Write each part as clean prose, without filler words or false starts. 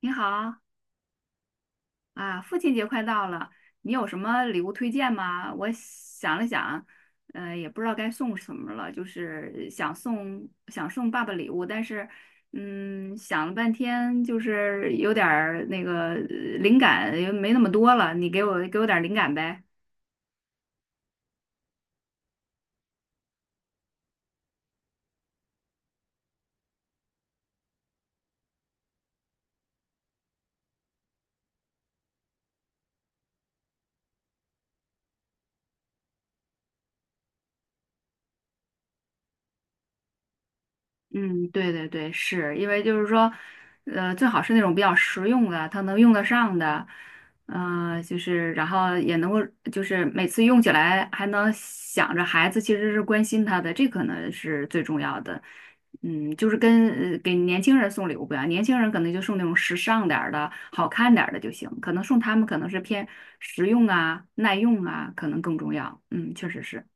你好啊，父亲节快到了，你有什么礼物推荐吗？我想了想，也不知道该送什么了，就是想送爸爸礼物，但是，嗯，想了半天，就是有点儿那个灵感也没那么多了，你给我点儿灵感呗。嗯，对对对，是因为就是说，最好是那种比较实用的，他能用得上的，就是然后也能够，就是每次用起来还能想着孩子其实是关心他的，这可能是最重要的。嗯，就是跟给年轻人送礼物不一样，年轻人可能就送那种时尚点儿的、好看点儿的就行，可能送他们可能是偏实用啊、耐用啊，可能更重要。嗯，确实是。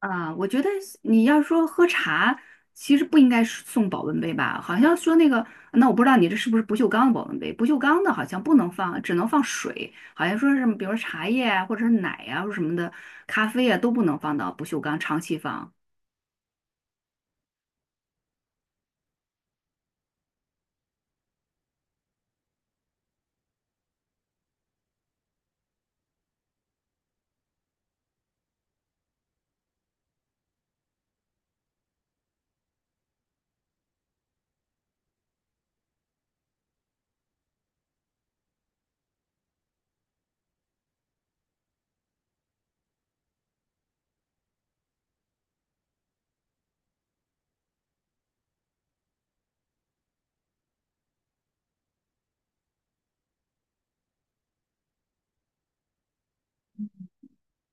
啊，我觉得你要说喝茶，其实不应该是送保温杯吧？好像说那个，那我不知道你这是不是不锈钢的保温杯？不锈钢的好像不能放，只能放水，好像说是比如说茶叶啊，或者是奶啊，或者什么的，咖啡啊都不能放到不锈钢长期放。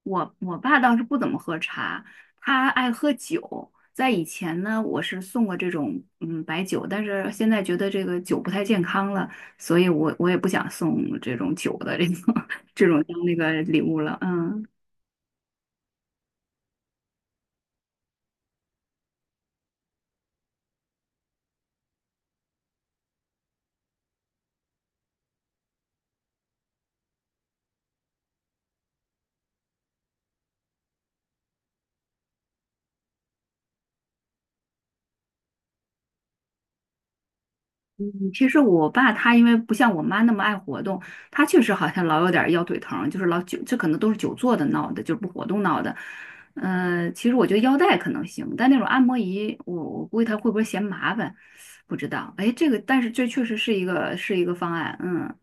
我爸倒是不怎么喝茶，他爱喝酒。在以前呢，我是送过这种嗯白酒，但是现在觉得这个酒不太健康了，所以我也不想送这种酒的这种 这种当那个礼物了。嗯。其实我爸他因为不像我妈那么爱活动，他确实好像老有点儿腰腿疼，就是老久，这可能都是久坐的闹的，就是不活动闹的。嗯，其实我觉得腰带可能行，但那种按摩仪，我估计他会不会嫌麻烦，不知道。哎，这个但是这确实是一个方案，嗯。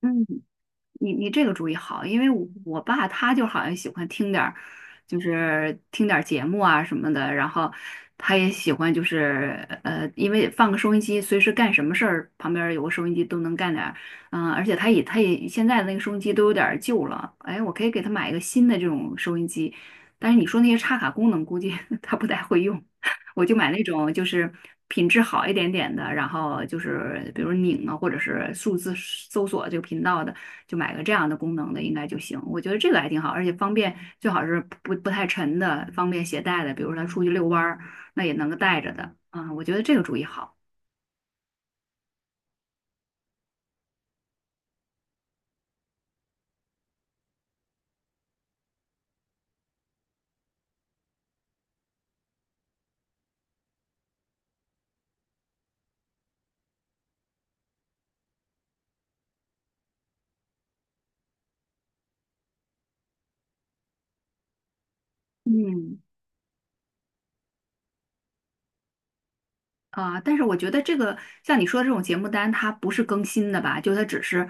嗯，你你这个主意好，因为我爸他就好像喜欢听点儿，就是听点儿节目啊什么的，然后他也喜欢就是因为放个收音机，随时干什么事儿旁边儿有个收音机都能干点儿，嗯、而且他也现在的那个收音机都有点儿旧了，哎，我可以给他买一个新的这种收音机，但是你说那些插卡功能估计 他不太会用，我就买那种就是品质好一点点的，然后就是比如拧啊或者是数字搜索这个频道的。就买个这样的功能的应该就行。我觉得这个还挺好，而且方便，最好是不太沉的，方便携带的，比如说他出去遛弯儿，那也能够带着的。啊，我觉得这个主意好。嗯。啊，但是我觉得这个像你说的这种节目单，它不是更新的吧？就它只是，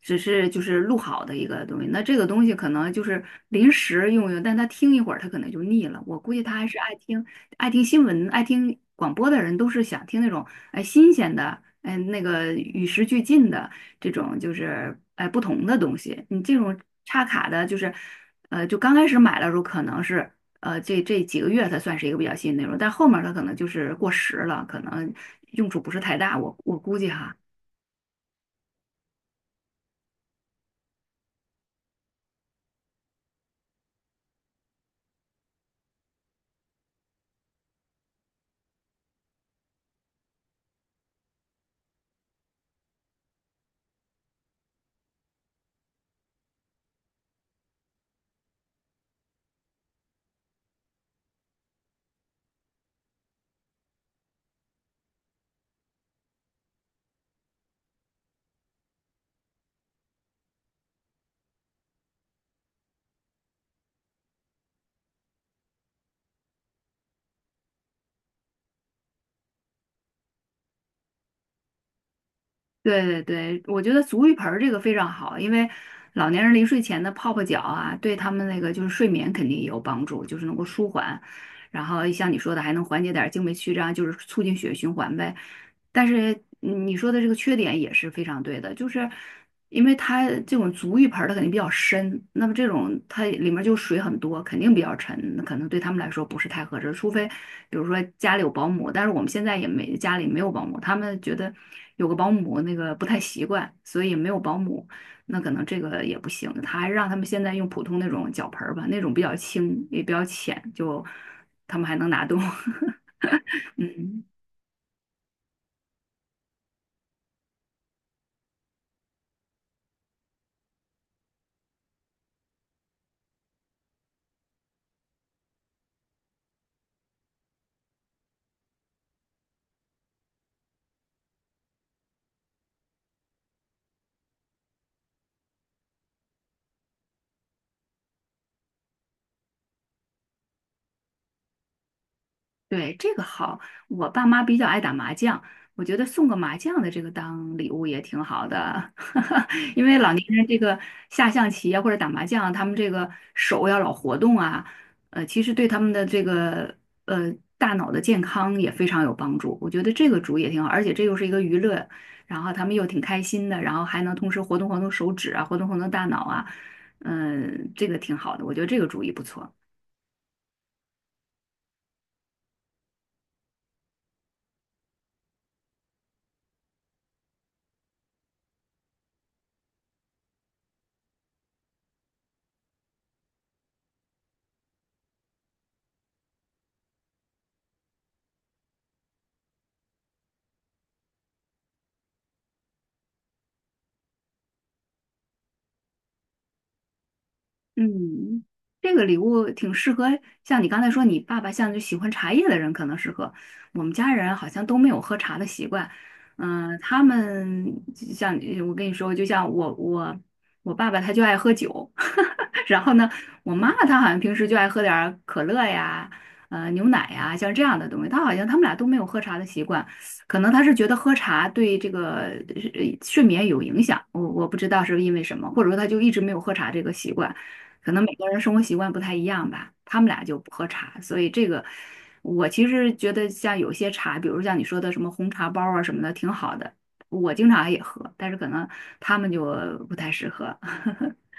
只是就是录好的一个东西。那这个东西可能就是临时用用，但他听一会儿，他可能就腻了。我估计他还是爱听新闻、爱听广播的人，都是想听那种哎新鲜的，哎那个与时俱进的这种，就是哎不同的东西。你这种插卡的，就是就刚开始买的时候可能是。这这几个月它算是一个比较新的内容，但后面它可能就是过时了，可能用处不是太大，我估计哈。对对对，我觉得足浴盆儿这个非常好，因为老年人临睡前的泡泡脚啊，对他们那个就是睡眠肯定也有帮助，就是能够舒缓，然后像你说的还能缓解点儿经脉曲张，就是促进血液循环呗。但是嗯你说的这个缺点也是非常对的，就是因为它这种足浴盆儿它肯定比较深，那么这种它里面就水很多，肯定比较沉，那可能对他们来说不是太合适。除非比如说家里有保姆，但是我们现在也没家里没有保姆，他们觉得有个保姆那个不太习惯，所以没有保姆，那可能这个也不行。他还让他们现在用普通那种脚盆儿吧，那种比较轻也比较浅，就他们还能拿动。嗯。对，这个好，我爸妈比较爱打麻将，我觉得送个麻将的这个当礼物也挺好的，因为老年人这个下象棋啊或者打麻将，他们这个手要老活动啊，其实对他们的这个呃大脑的健康也非常有帮助。我觉得这个主意也挺好，而且这又是一个娱乐，然后他们又挺开心的，然后还能同时活动活动手指啊，活动活动大脑啊，嗯、这个挺好的，我觉得这个主意不错。嗯，这个礼物挺适合，像你刚才说，你爸爸像就喜欢茶叶的人可能适合。我们家人好像都没有喝茶的习惯，嗯、他们就像我跟你说，就像我我爸爸他就爱喝酒，然后呢，我妈妈她好像平时就爱喝点儿可乐呀，牛奶呀，像这样的东西。她好像他们俩都没有喝茶的习惯，可能他是觉得喝茶对这个睡眠有影响，我不知道是因为什么，或者说他就一直没有喝茶这个习惯。可能每个人生活习惯不太一样吧，他们俩就不喝茶，所以这个我其实觉得像有些茶，比如像你说的什么红茶包啊什么的，挺好的，我经常也喝，但是可能他们就不太适合。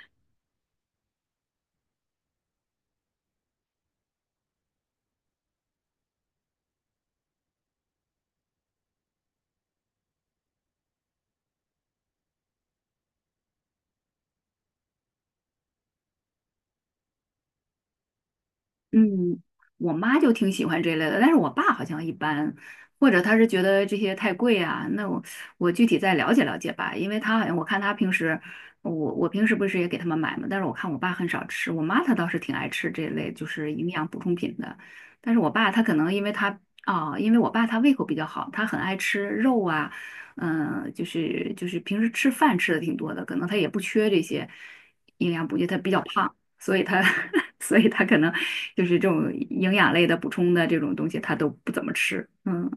嗯，我妈就挺喜欢这类的，但是我爸好像一般，或者他是觉得这些太贵啊。那我具体再了解了解吧，因为他好像我看他平时，我平时不是也给他们买嘛，但是我看我爸很少吃，我妈她倒是挺爱吃这类就是营养补充品的，但是我爸他可能因为他因为我爸他胃口比较好，他很爱吃肉啊，嗯、就是平时吃饭吃的挺多的，可能他也不缺这些营养补剂，他比较胖。所以他，所以他可能就是这种营养类的补充的这种东西，他都不怎么吃。嗯。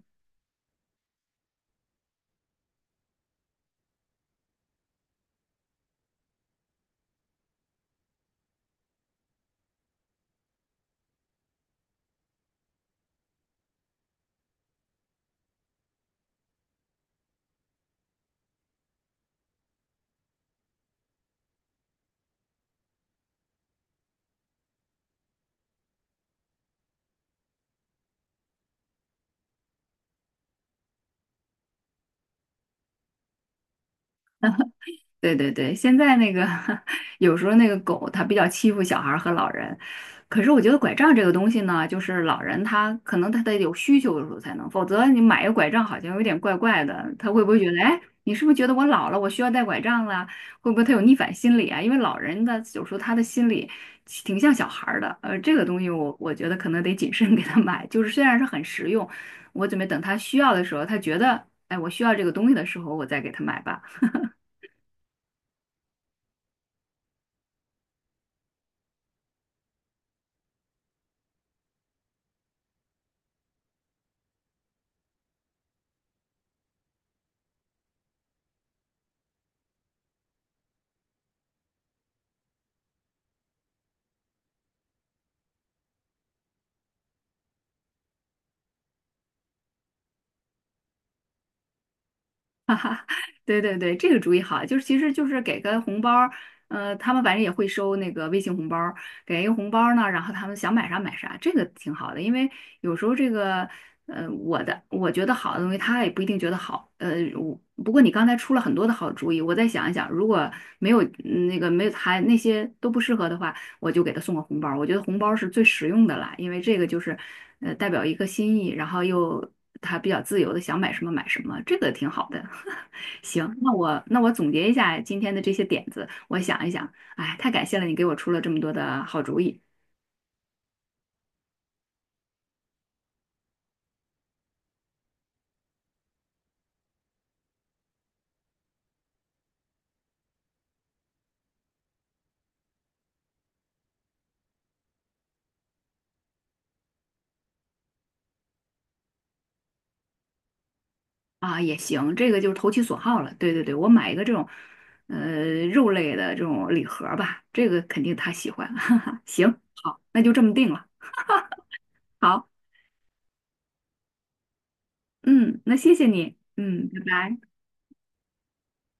对对对，现在那个 有时候那个狗它比较欺负小孩儿和老人，可是我觉得拐杖这个东西呢，就是老人他可能他得有需求的时候才能，否则你买一个拐杖好像有点怪怪的，他会不会觉得，哎，你是不是觉得我老了，我需要带拐杖了？会不会他有逆反心理啊？因为老人的有时候他的心理挺像小孩儿的，这个东西我觉得可能得谨慎 给他买，就是虽然是很实用，我准备等他需要的时候，他觉得，哎，我需要这个东西的时候，我再给他买吧。对对对，这个主意好，就是其实就是给个红包儿，他们反正也会收那个微信红包儿给一个红包儿呢，然后他们想买啥买啥，这个挺好的，因为有时候这个，我觉得好的东西，他也不一定觉得好，我不过你刚才出了很多的好主意，我再想一想，如果没有没有还那些都不适合的话，我就给他送个红包儿我觉得红包儿是最实用的啦，因为这个就是，代表一个心意，然后又他比较自由的想买什么买什么，这个挺好的。行，那我总结一下今天的这些点子，我想一想，哎，太感谢了，你给我出了这么多的好主意啊，也行，这个就是投其所好了。对对对，我买一个这种，肉类的这种礼盒吧，这个肯定他喜欢。哈哈，行，好，那就这么定了。好，嗯，那谢谢你，嗯，拜拜。